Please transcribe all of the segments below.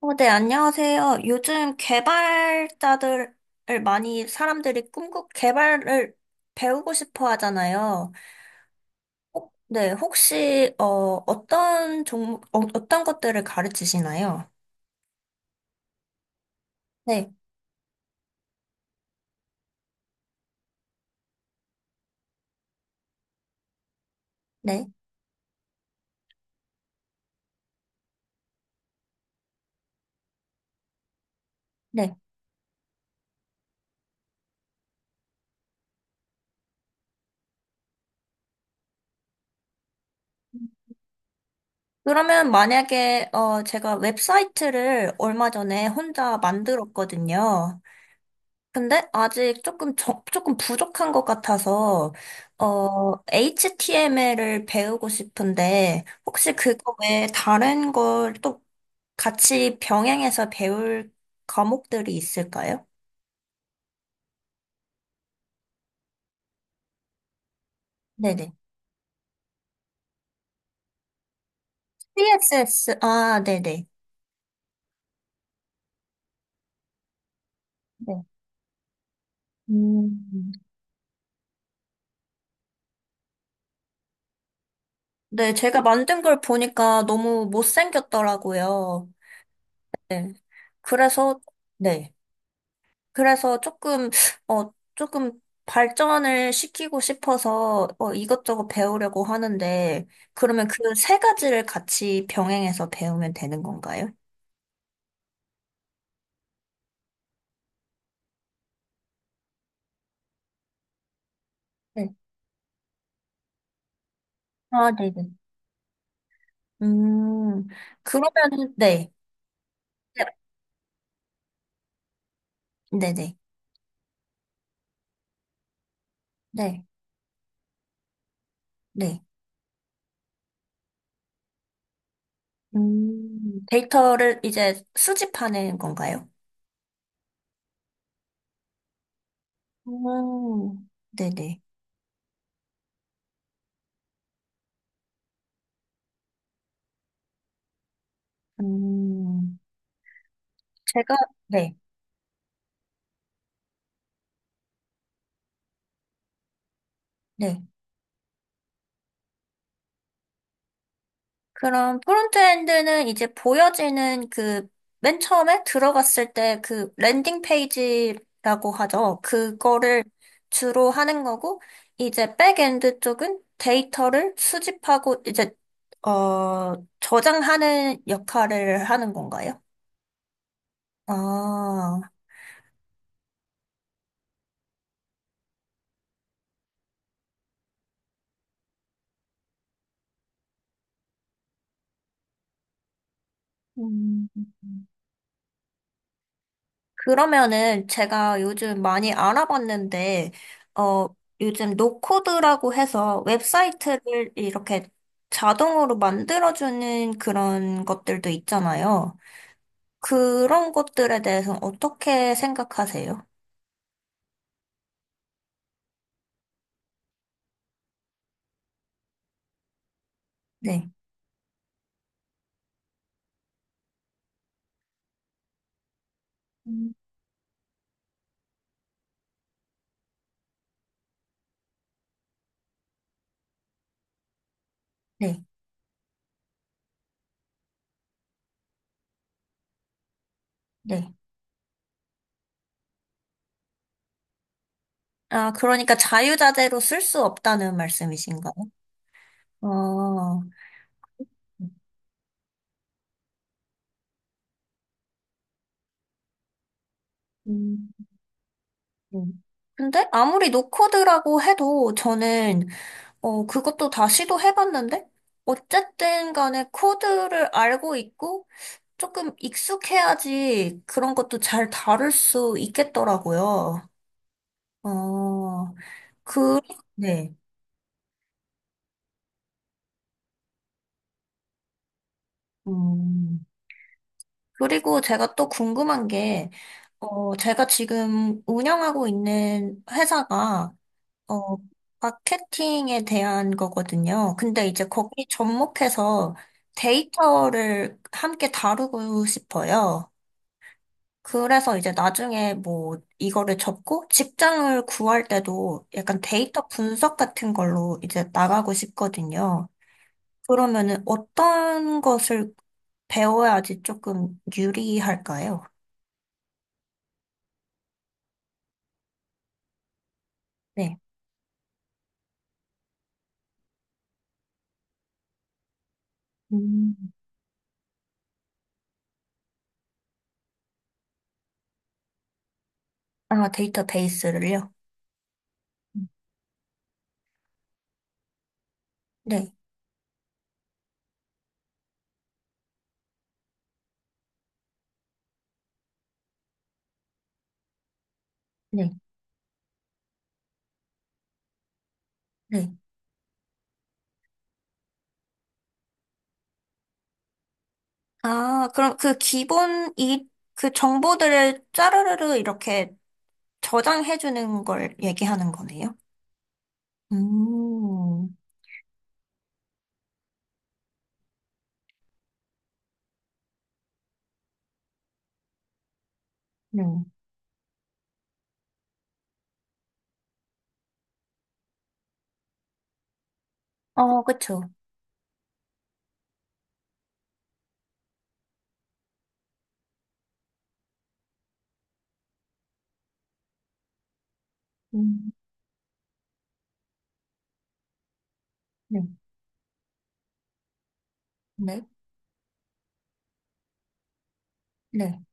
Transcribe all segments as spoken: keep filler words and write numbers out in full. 어, 네, 안녕하세요. 요즘 개발자들을 많이 사람들이 꿈꾸, 개발을 배우고 싶어 하잖아요. 혹- 네, 혹시, 어, 어떤 종목, 어, 어떤 것들을 가르치시나요? 네, 네, 네. 그러면 만약에, 어, 제가 웹사이트를 얼마 전에 혼자 만들었거든요. 근데 아직 조금 적, 조금 부족한 것 같아서, 어, 에이치티엠엘을 배우고 싶은데, 혹시 그거 외에 다른 걸 또 같이 병행해서 배울 과목들이 있을까요? 네네. 씨에스에스, 아, 네네. 네. 음. 네, 제가 만든 걸 보니까 너무 못생겼더라고요. 네. 그래서, 네. 그래서 조금, 어, 조금 발전을 시키고 싶어서 어, 이것저것 배우려고 하는데, 그러면 그 세 가지를 같이 병행해서 배우면 되는 건가요? 네. 아, 네네. 음, 그러면은, 네. 네, 네네. 네, 네. 음, 데이터를 이제 수집하는 건가요? 음, 네네. 음, 제가, 네, 네. 그럼 프론트엔드는 이제 보여지는 그 맨 처음에 들어갔을 때 그 랜딩 페이지라고 하죠. 그거를 주로 하는 거고 이제 백엔드 쪽은 데이터를 수집하고 이제 어 저장하는 역할을 하는 건가요? 아, 음. 그러면은 제가 요즘 많이 알아봤는데, 어, 요즘 노코드라고 해서 웹사이트를 이렇게 자동으로 만들어주는 그런 것들도 있잖아요. 그런 것들에 대해서 어떻게 생각하세요? 네, 음. 네, 네. 아, 그러니까 자유자재로 쓸 수 없다는 말씀이신가요? 어, 음. 음. 근데 아무리 노코드라고 해도 저는 어, 그것도 다 시도해봤는데? 어쨌든 간에 코드를 알고 있고 조금 익숙해야지 그런 것도 잘 다룰 수 있겠더라고요. 어, 그, 네. 음, 그리고 제가 또 궁금한 게, 어, 제가 지금 운영하고 있는 회사가, 어, 마케팅에 대한 거거든요. 근데 이제 거기 접목해서 데이터를 함께 다루고 싶어요. 그래서 이제 나중에 뭐 이거를 접고 직장을 구할 때도 약간 데이터 분석 같은 걸로 이제 나가고 싶거든요. 그러면은 어떤 것을 배워야지 조금 유리할까요? 네. 음. 아, 데이터베이스를요? 음. 네. 네. 네. 아, 그럼 그 기본 이, 그 정보들을 짜르르르 이렇게 저장해주는 걸 얘기하는 거네요? 음, 네. 어, 그쵸. 음. 네, 네, 네.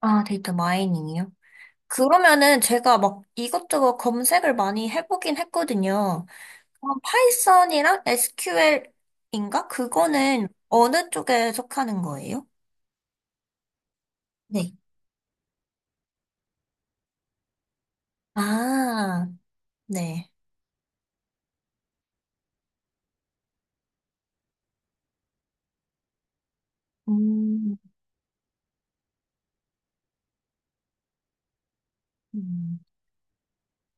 아, 데이터 마이닝이요? 그러면은 제가 막 이것저것 검색을 많이 해보긴 했거든요. 그럼 파이썬이랑 에스큐엘인가? 그거는 어느 쪽에 속하는 거예요? 네. 아, 네. 음, 음.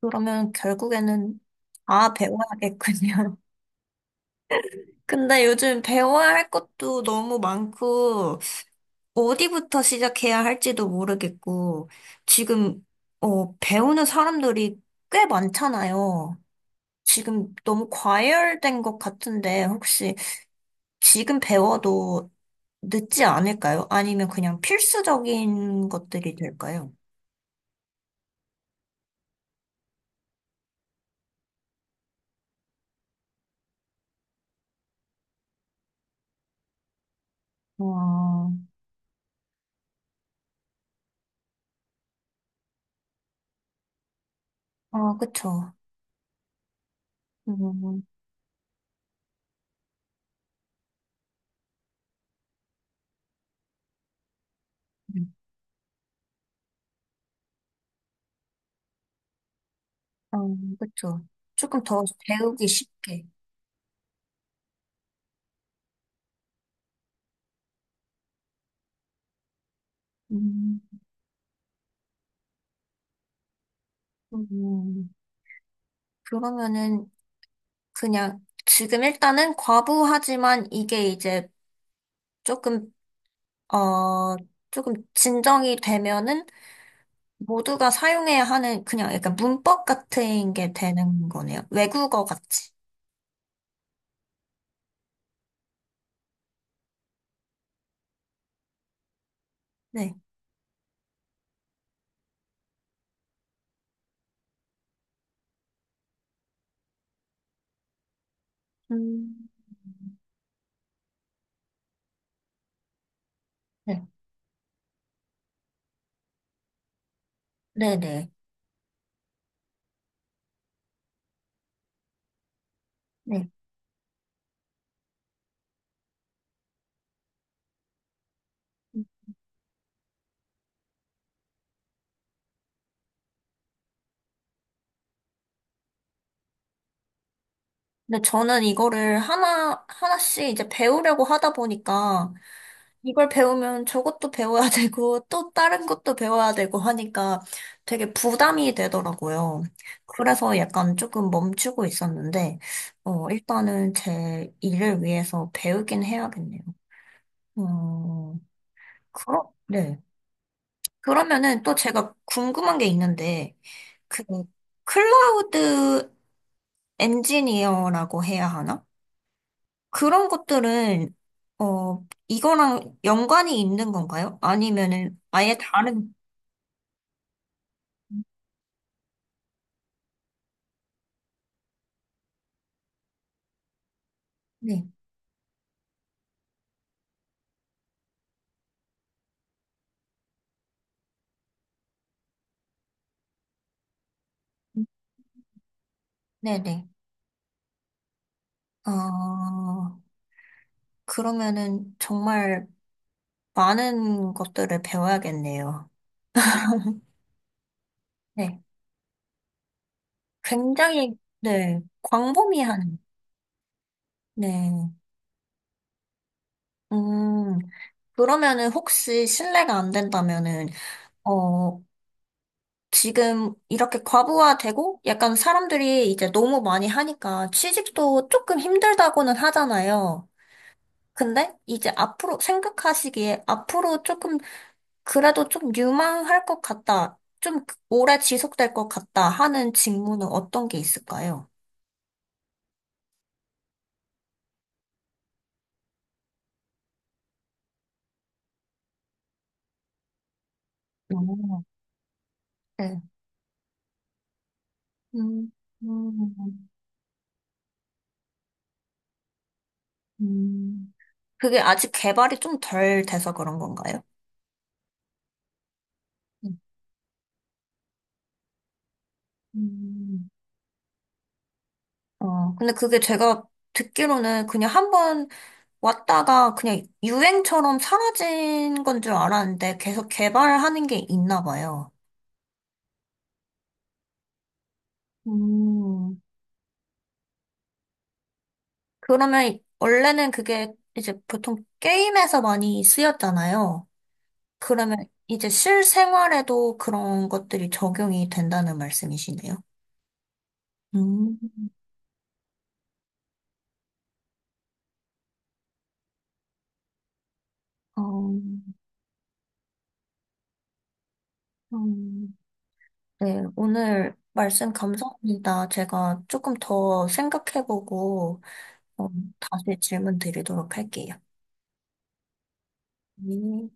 그러면 결국에는 아, 배워야겠군요. 근데 요즘 배워야 할 것도 너무 많고, 어디부터 시작해야 할지도 모르겠고, 지금, 어, 배우는 사람들이 꽤 많잖아요. 지금 너무 과열된 것 같은데, 혹시 지금 배워도 늦지 않을까요? 아니면 그냥 필수적인 것들이 될까요? 어, 아, 그쵸. 음, 음, 음, 그쵸. 조금 더 배우기 쉽게. 음, 음, 그러면은 그냥 지금 일단은 과부하지만 이게 이제 조금, 어, 조금 진정이 되면은 모두가 사용해야 하는 그냥 약간 문법 같은 게 되는 거네요. 외국어 같이. 네. 음. 네. 네네. 네. 근데 저는 이거를 하나, 하나씩 이제 배우려고 하다 보니까 이걸 배우면 저것도 배워야 되고 또 다른 것도 배워야 되고 하니까 되게 부담이 되더라고요. 그래서 약간 조금 멈추고 있었는데, 어, 일단은 제 일을 위해서 배우긴 해야겠네요. 어, 그러, 네. 그러면은 또 제가 궁금한 게 있는데, 그, 클라우드 엔지니어라고 해야 하나? 그런 것들은, 어, 이거랑 연관이 있는 건가요? 아니면은 아예 다른, 네, 네네. 어, 그러면은 정말 많은 것들을 배워야겠네요. 네. 굉장히, 네, 광범위한, 네. 음, 그러면은 혹시 실례가 안 된다면은, 어, 지금 이렇게 과부하되고 약간 사람들이 이제 너무 많이 하니까 취직도 조금 힘들다고는 하잖아요. 근데 이제 앞으로 생각하시기에 앞으로 조금 그래도 좀 유망할 것 같다. 좀 오래 지속될 것 같다 하는 직무는 어떤 게 있을까요? 어, 네. 음, 음, 음, 그게 아직 개발이 좀 덜 돼서 그런 건가요? 음. 음. 어, 근데 그게 제가 듣기로는 그냥 한번 왔다가 그냥 유행처럼 사라진 건 줄 알았는데 계속 개발하는 게 있나 봐요. 음, 그러면 원래는 그게 이제 보통 게임에서 많이 쓰였잖아요. 그러면 이제 실생활에도 그런 것들이 적용이 된다는 말씀이시네요. 음. 어, 음, 네, 오늘 말씀 감사합니다. 제가 조금 더 생각해보고 어, 다시 질문 드리도록 할게요. 네.